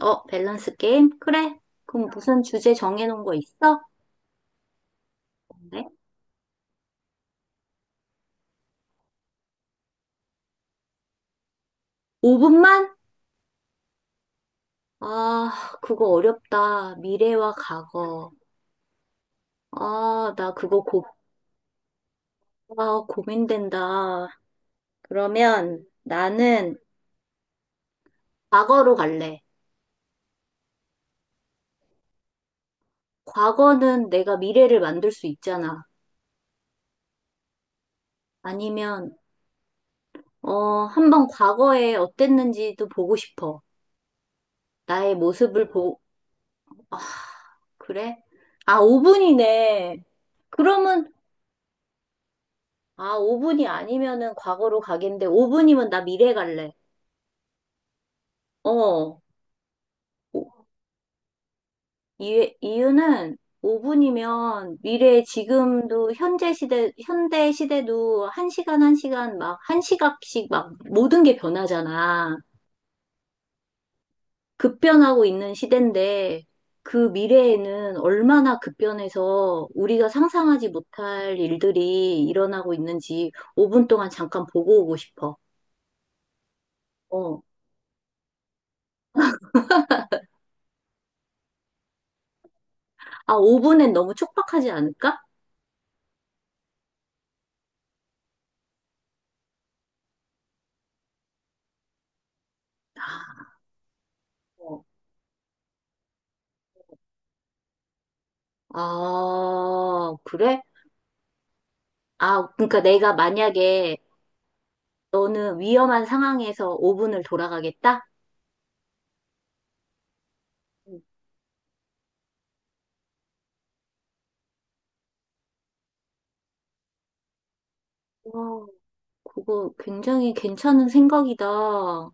어, 밸런스 게임? 그래. 그럼 무슨 주제 정해놓은 거 있어? 네? 5분만? 아, 그거 어렵다. 미래와 과거. 아, 아, 고민된다. 그러면 나는 과거로 갈래. 과거는 내가 미래를 만들 수 있잖아. 아니면, 한번 과거에 어땠는지도 보고 싶어. 나의 모습을 보, 아, 그래? 아, 5분이네. 그러면 아, 5분이 아니면은 과거로 가겠는데, 5분이면 나 미래 갈래. 어. 오- 이유는 5분이면 미래 지금도 현재 시대, 현대 시대도 한시간한시간 막, 한시각씩막 모든 게 변하잖아. 급변하고 있는 시대인데, 그 미래에는 얼마나 급변해서 우리가 상상하지 못할 일들이 일어나고 있는지 5분 동안 잠깐 보고 오고 싶어. 어. 아, 5분엔 너무 촉박하지 않을까? 아, 어. 아, 그래? 아, 그러니까 내가 만약에 너는 위험한 상황에서 5분을 돌아가겠다? 음. 와, 그거 굉장히 괜찮은 생각이다. 어,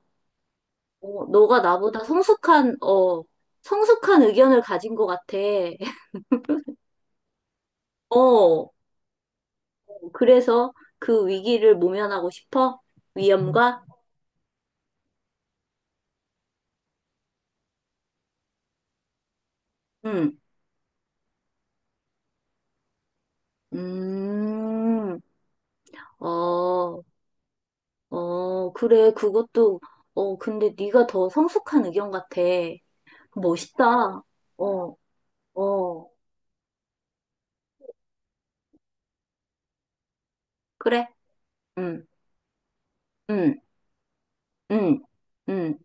너가 나보다 성숙한 의견을 가진 것 같아. 어, 그래서 그 위기를 모면하고 싶어? 위험과? 응. 음, 어, 어, 그래, 그것도, 근데 네가 더 성숙한 의견 같아. 멋있다. 어, 어, 그래. 응, 응, 응, 응.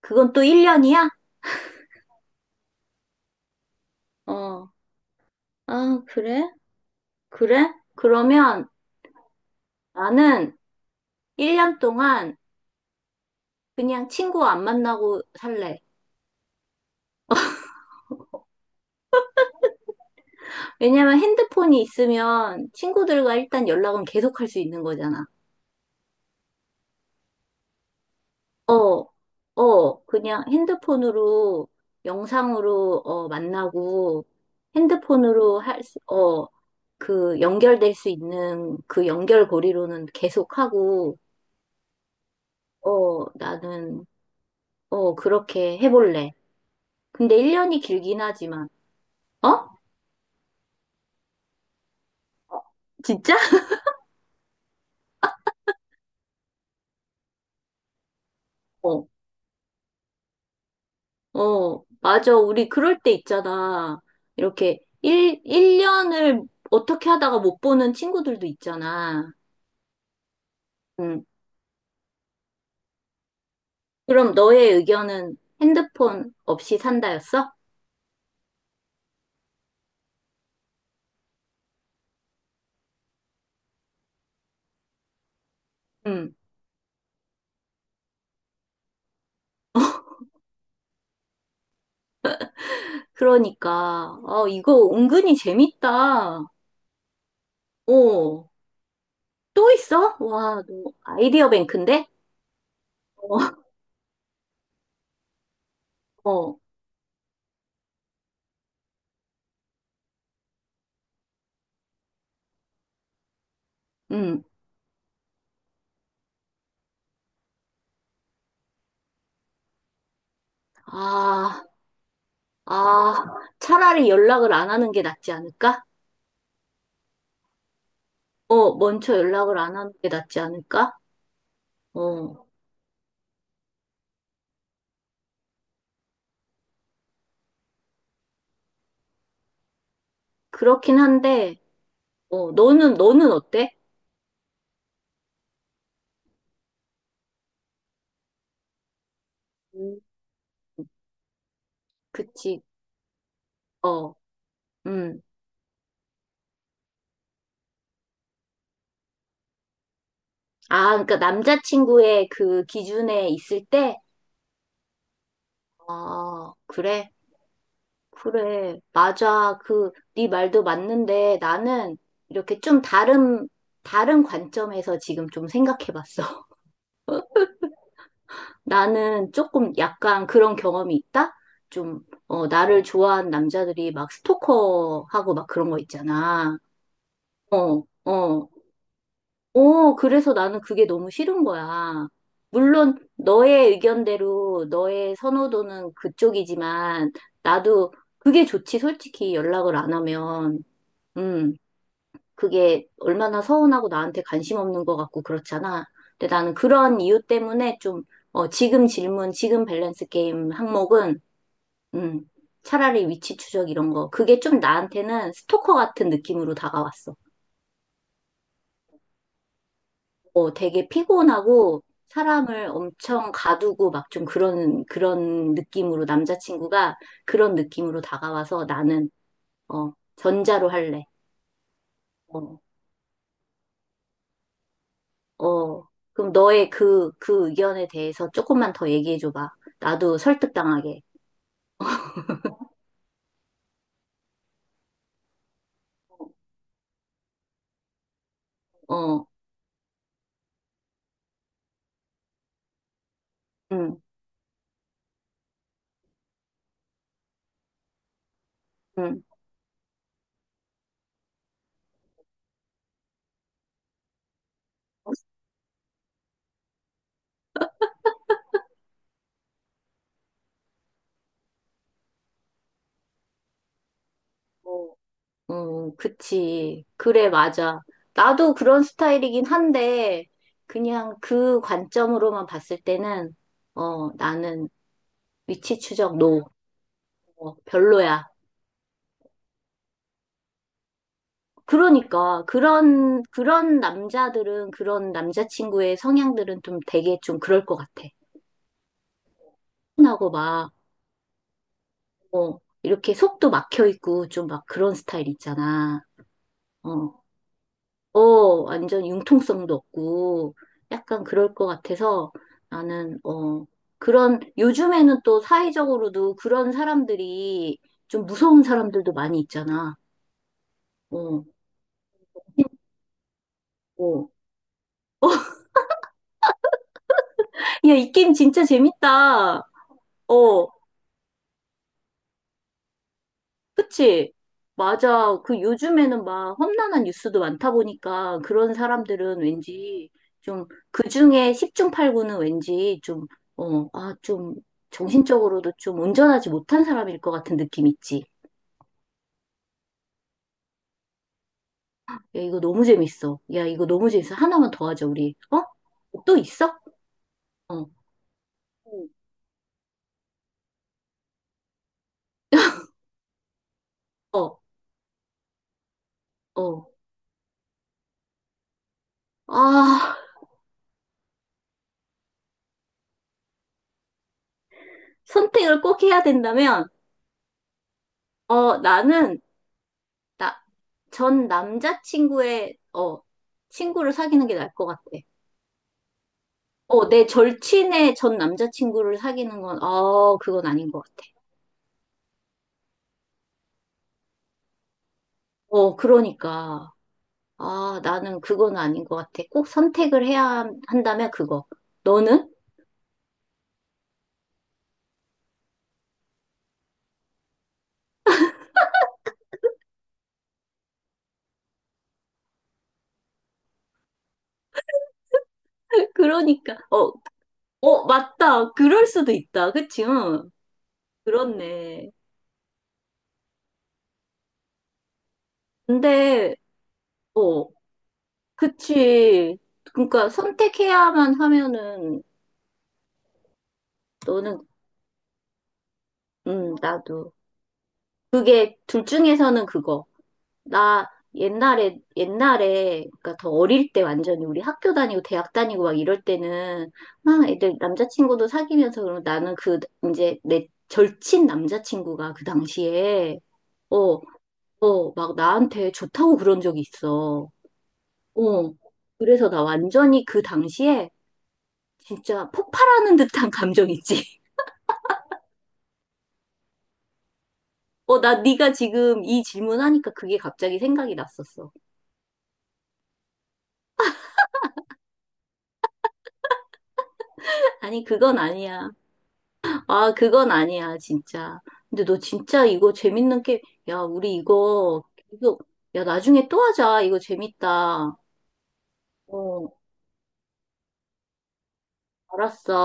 그건 또 1년이야? 어, 아, 그래? 그래? 그러면 나는 1년 동안 그냥 친구 안 만나고 살래. 왜냐면 핸드폰이 있으면 친구들과 일단 연락은 계속 할 수 있는 거잖아. 어, 어, 그냥 핸드폰으로, 영상으로, 어, 만나고, 핸드폰으로 할 수, 어, 그 연결될 수 있는 그 연결고리로는 계속하고, 어, 나는, 그렇게 해볼래. 근데 1년이 길긴 하지만, 어? 진짜? 어, 어, 맞아. 우리 그럴 때 있잖아. 이렇게 1년을 어떻게 하다가 못 보는 친구들도 있잖아. 응. 그럼 너의 의견은 핸드폰 없이 산다였어? 응. 그러니까, 어, 이거 은근히 재밌다. 또 있어? 와, 너 아이디어 뱅크인데? 어, 어, 응. 아, 아, 차라리 연락을 안 하는 게 낫지 않을까? 어, 먼저 연락을 안 하는 게 낫지 않을까? 어, 그렇긴 한데, 어, 너는 어때? 음, 그치, 어, 음. 아, 그러니까 남자친구의 그 기준에 있을 때, 아, 그래? 그래. 맞아. 그, 네 말도 맞는데 나는 이렇게 좀 다른 관점에서 지금 좀 생각해 봤어. 나는 조금 약간 그런 경험이 있다? 좀, 나를 좋아하는 남자들이 막 스토커하고 막 그런 거 있잖아. 어, 어. 어, 그래서 나는 그게 너무 싫은 거야. 물론 너의 의견대로 너의 선호도는 그쪽이지만 나도 그게 좋지, 솔직히 연락을 안 하면. 음, 그게 얼마나 서운하고 나한테 관심 없는 것 같고 그렇잖아. 근데 나는 그런 이유 때문에 좀, 어, 지금 밸런스 게임 항목은, 음, 차라리 위치 추적 이런 거. 그게 좀 나한테는 스토커 같은 느낌으로 다가왔어. 어, 되게 피곤하고 사람을 엄청 가두고 막 좀 그런 느낌으로 남자친구가 그런 느낌으로 다가와서 나는, 어, 전자로 할래. 어, 어, 그럼 너의 그 의견에 대해서 조금만 더 얘기해줘봐. 나도 설득당하게. 어, 응, 응. 어, 어, 그치. 그래, 맞아. 나도 그런 스타일이긴 한데, 그냥 그 관점으로만 봤을 때는, 어, 나는 위치 추적 노. 어, 별로야. 그러니까 그런 남자들은 그런 남자친구의 성향들은 좀 되게 좀 그럴 것 같아. 하고 막 어, 이렇게 속도 막혀 있고 좀 막 그런 스타일 있잖아. 어, 어, 완전 융통성도 없고 약간 그럴 것 같아서 나는 어 그런 요즘에는 또 사회적으로도 그런 사람들이 좀 무서운 사람들도 많이 있잖아. 어, 어. 야, 이 게임 진짜 재밌다. 어. 그치? 맞아. 그 요즘에는 막 험난한 뉴스도 많다 보니까 그런 사람들은 왠지 좀 그중에 10중 8구는 왠지 좀, 좀 정신적으로도 좀 온전하지 못한 사람일 것 같은 느낌 있지. 야, 이거 너무 재밌어. 야, 이거 너무 재밌어. 하나만 더 하자, 우리. 어? 또 있어? 어, 응. 어, 어. 아, 선택을 꼭 해야 된다면, 어, 나는 나, 전 남자친구의, 어, 친구를 사귀는 게 나을 것 같아. 어, 내 절친의 전 남자친구를 사귀는 건, 어, 그건 아닌 것 같아. 어, 그러니까. 아, 나는 그건 아닌 것 같아. 꼭 선택을 해야 한다면 그거. 너는? 그러니까. 어, 어, 맞다. 그럴 수도 있다. 그치? 응. 그렇네. 근데, 어, 그치. 그러니까 선택해야만 하면은, 너는, 나도. 그게 둘 중에서는 그거. 나 옛날에 옛날에 그러니까 더 어릴 때 완전히 우리 학교 다니고 대학 다니고 막 이럴 때는 막 애들 남자친구도 사귀면서 그러면 나는 그 이제 내 절친 남자친구가 그 당시에 어, 어, 막 나한테 좋다고 그런 적이 있어. 어. 그래서 나 완전히 그 당시에 진짜 폭발하는 듯한 감정 있지. 어, 나 네가 지금 이 질문하니까 그게 갑자기 생각이 났었어. 아니, 그건 아니야. 아, 그건 아니야, 진짜. 근데 너 진짜 이거 재밌는 게, 야, 우리 이거 계속, 야, 나중에 또 하자. 이거 재밌다. 어, 알았어.